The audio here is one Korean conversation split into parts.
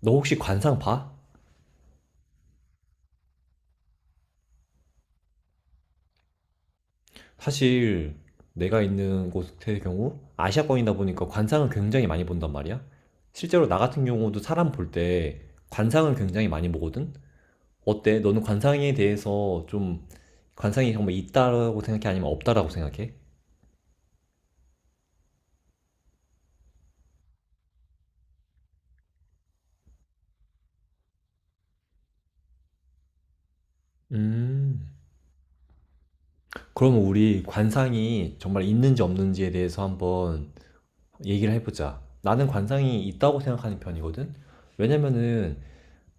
너 혹시 관상 봐? 사실 내가 있는 곳의 경우 아시아권이다 보니까 관상을 굉장히 많이 본단 말이야. 실제로 나 같은 경우도 사람 볼 때 관상을 굉장히 많이 보거든. 어때? 너는 관상에 대해서 좀 관상이 정말 있다라고 생각해? 아니면 없다라고 생각해? 음. 그러면 우리 관상이 정말 있는지 없는지에 대해서 한번 얘기를 해보자. 나는 관상이 있다고 생각하는 편이거든. 왜냐면은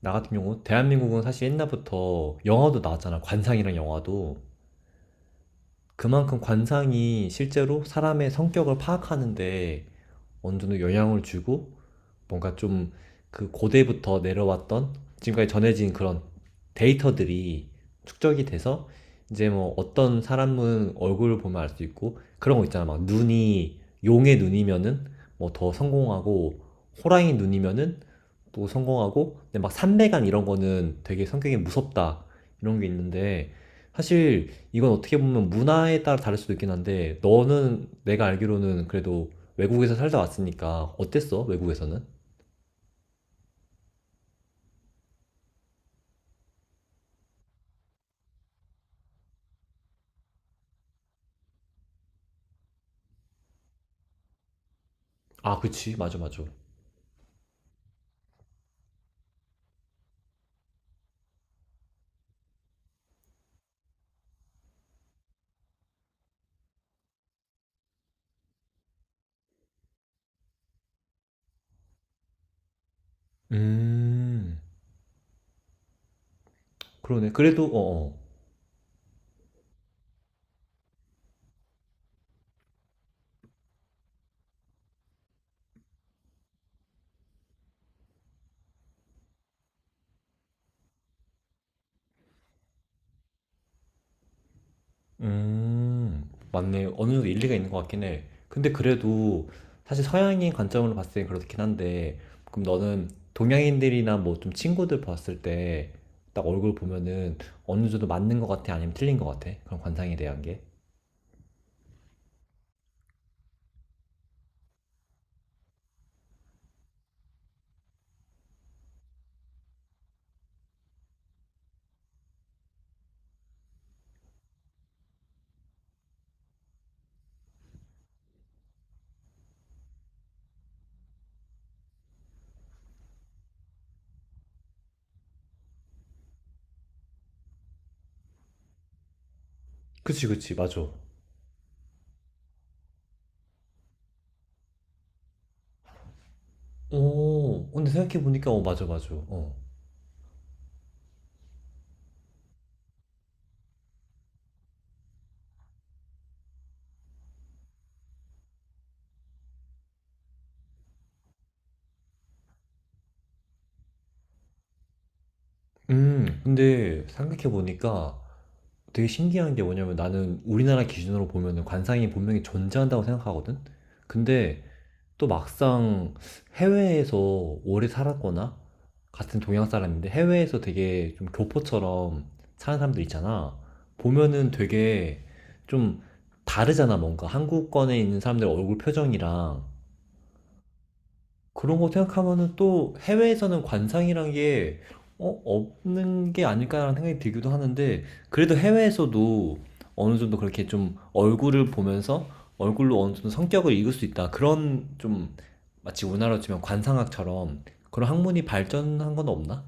나 같은 경우 대한민국은 사실 옛날부터 영화도 나왔잖아. 관상이랑 영화도. 그만큼 관상이 실제로 사람의 성격을 파악하는데 어느 정도 영향을 주고 뭔가 좀 그 고대부터 내려왔던 지금까지 전해진 그런 데이터들이 축적이 돼서 이제 뭐 어떤 사람은 얼굴을 보면 알 수 있고 그런 거 있잖아. 막 눈이 용의 눈이면은 뭐 더 성공하고 호랑이 눈이면은 또 성공하고 근데 막 삼배간 이런 거는 되게 성격이 무섭다 이런 게 있는데 사실 이건 어떻게 보면 문화에 따라 다를 수도 있긴 한데 너는 내가 알기로는 그래도 외국에서 살다 왔으니까 어땠어? 외국에서는? 아, 그치. 맞아, 맞아. 음, 그러네. 그래도, 어, 어. 음, 맞네. 어느 정도 일리가 있는 것 같긴 해. 근데 그래도, 사실 서양인 관점으로 봤을 땐 그렇긴 한데, 그럼 너는 동양인들이나 뭐 좀 친구들 봤을 때, 딱 얼굴 보면은 어느 정도 맞는 것 같아? 아니면 틀린 것 같아? 그런 관상에 대한 게? 그치, 그치. 맞아. 오, 근데 생각해보니까, 어, 맞아, 맞아. 어. 근데 생각해보니까, 되게 신기한 게 뭐냐면 나는 우리나라 기준으로 보면은 관상이 분명히 존재한다고 생각하거든? 근데 또 막상 해외에서 오래 살았거나 같은 동양 사람인데 해외에서 되게 좀 교포처럼 사는 사람들 있잖아. 보면은 되게 좀 다르잖아, 뭔가. 한국권에 있는 사람들 얼굴 표정이랑 그런 거 생각하면은 또 해외에서는 관상이란 게 어, 없는 게 아닐까라는 생각이 들기도 하는데 그래도 해외에서도 어느 정도 그렇게 좀 얼굴을 보면서 얼굴로 어느 정도 성격을 읽을 수 있다. 그런 좀 마치 우리나라로 치면 관상학처럼 그런 학문이 발전한 건 없나?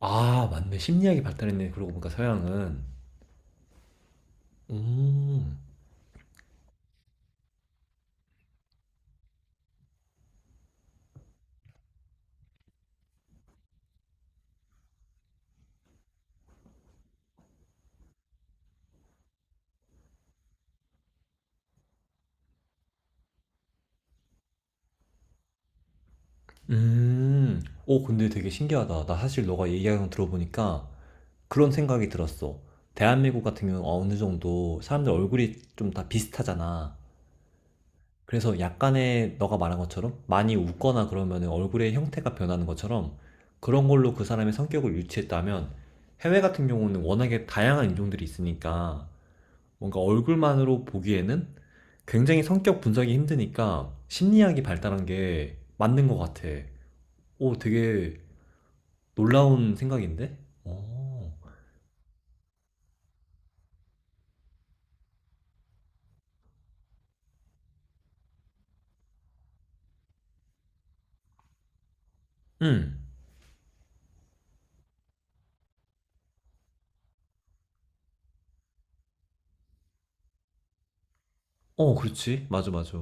아, 맞네. 심리학이 발달했네. 그러고 보니까 서양은. 음. 음. 오, 근데 되게 신기하다. 나 사실 너가 얘기하는 거 들어보니까 그런 생각이 들었어. 대한민국 같은 경우 어느 정도 사람들 얼굴이 좀 다 비슷하잖아. 그래서 약간의 너가 말한 것처럼 많이 웃거나 그러면 얼굴의 형태가 변하는 것처럼 그런 걸로 그 사람의 성격을 유추했다면 해외 같은 경우는 워낙에 다양한 인종들이 있으니까 뭔가 얼굴만으로 보기에는 굉장히 성격 분석이 힘드니까 심리학이 발달한 게 맞는 것 같아. 오, 되게 놀라운 생각인데? 어, 응. 어, 그렇지. 맞아, 맞아.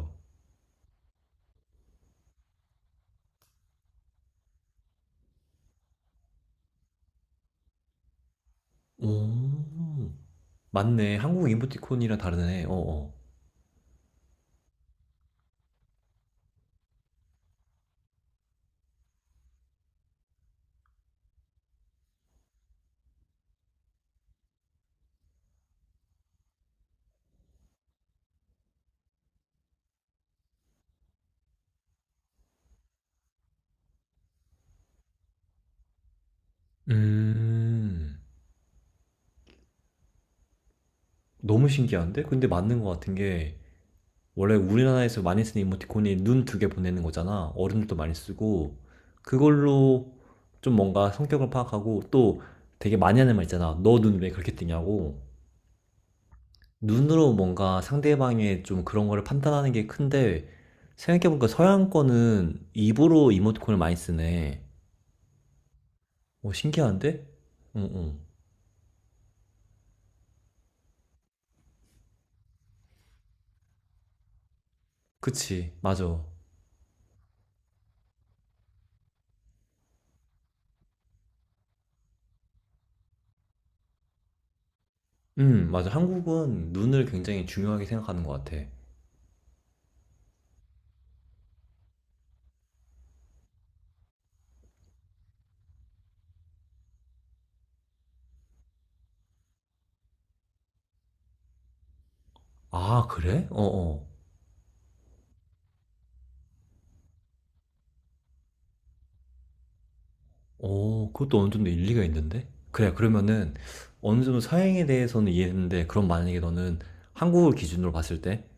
오, 맞네. 한국 이모티콘이랑 다르네. 어어. 음, 너무 신기한데? 근데 맞는 것 같은 게, 원래 우리나라에서 많이 쓰는 이모티콘이 눈 두 개 보내는 거잖아. 어른들도 많이 쓰고, 그걸로 좀 뭔가 성격을 파악하고, 또 되게 많이 하는 말 있잖아. 너 눈 왜 그렇게 뜨냐고. 눈으로 뭔가 상대방의 좀 그런 거를 판단하는 게 큰데, 생각해보니까 서양 거는 입으로 이모티콘을 많이 쓰네. 어, 신기한데? 응, 응. 그치, 맞아. 맞아. 한국은 눈을 굉장히 중요하게 생각하는 것 같아. 아, 그래? 어어. 어, 어, 그것도 어느 정도 일리가 있는데? 그래, 그러면은 어느 정도 서양에 대해서는 이해했는데, 그럼 만약에 너는 한국을 기준으로 봤을 때,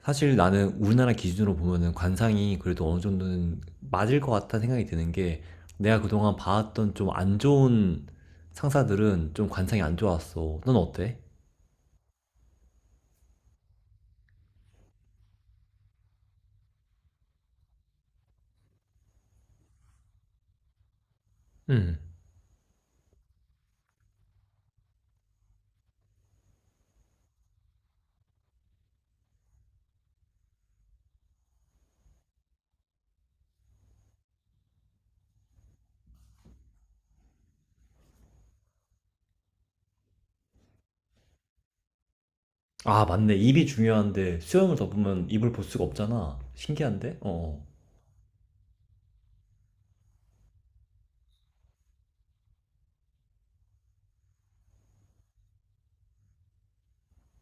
사실 나는 우리나라 기준으로 보면은 관상이 그래도 어느 정도는 맞을 것 같다는 생각이 드는 게, 내가 그동안 봐왔던 좀 안 좋은 상사들은 좀 관상이 안 좋았어. 넌 어때? 음. 아, 맞네. 입이 중요한데 수염을 덮으면 입을 볼 수가 없잖아. 신기한데? 어.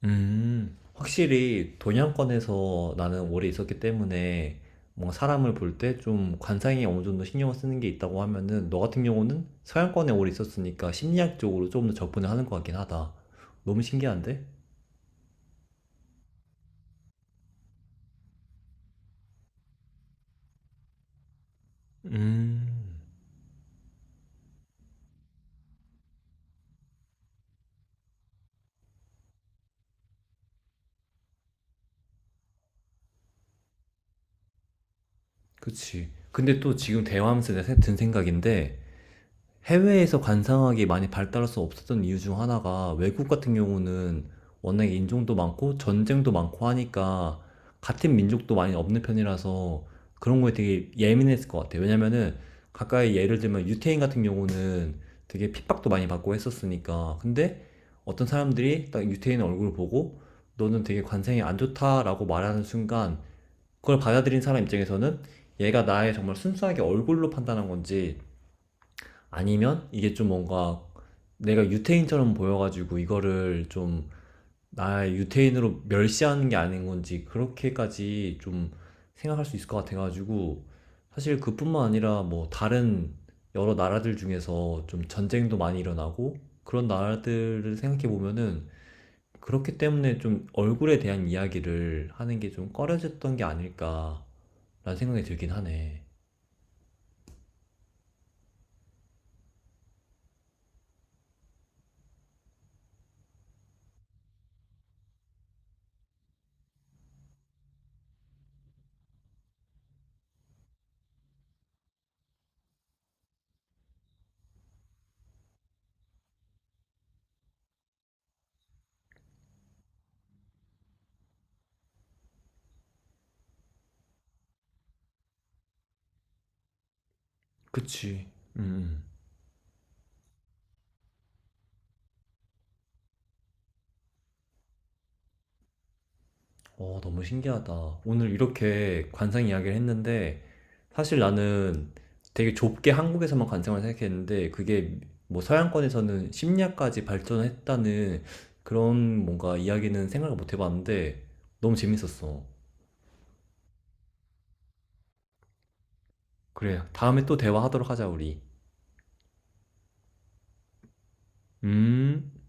음. 확실히 동양권에서 나는 오래 있었기 때문에 뭔가 사람을 볼 때 좀 관상에 어느 정도 신경을 쓰는 게 있다고 하면은 너 같은 경우는 서양권에 오래 있었으니까 심리학적으로 조금 더 접근을 하는 것 같긴 하다. 너무 신기한데? 음. 그치. 근데 또 지금 대화하면서 내가 든 생각인데 해외에서 관상학이 많이 발달해서 없었던 이유 중 하나가 외국 같은 경우는 워낙에 인종도 많고 전쟁도 많고 하니까 같은 민족도 많이 없는 편이라서 그런 거에 되게 예민했을 것 같아요. 왜냐면은 가까이 예를 들면 유태인 같은 경우는 되게 핍박도 많이 받고 했었으니까. 근데 어떤 사람들이 딱 유태인 얼굴을 보고 너는 되게 관상이 안 좋다라고 말하는 순간 그걸 받아들인 사람 입장에서는 얘가 나의 정말 순수하게 얼굴로 판단한 건지 아니면 이게 좀 뭔가 내가 유태인처럼 보여가지고 이거를 좀 나의 유태인으로 멸시하는 게 아닌 건지 그렇게까지 좀 생각할 수 있을 것 같아가지고 사실 그뿐만 아니라 뭐 다른 여러 나라들 중에서 좀 전쟁도 많이 일어나고 그런 나라들을 생각해 보면은 그렇기 때문에 좀 얼굴에 대한 이야기를 하는 게 좀 꺼려졌던 게 아닐까라는 생각이 들긴 하네. 그치. 음. 어, 너무 신기하다. 오늘 이렇게 관상 이야기를 했는데, 사실 나는 되게 좁게 한국에서만 관상을 생각했는데, 그게 뭐 서양권에서는 심리학까지 발전했다는 그런 뭔가 이야기는 생각을 못 해봤는데, 너무 재밌었어. 그래, 다음에 또 대화하도록 하자, 우리. 음.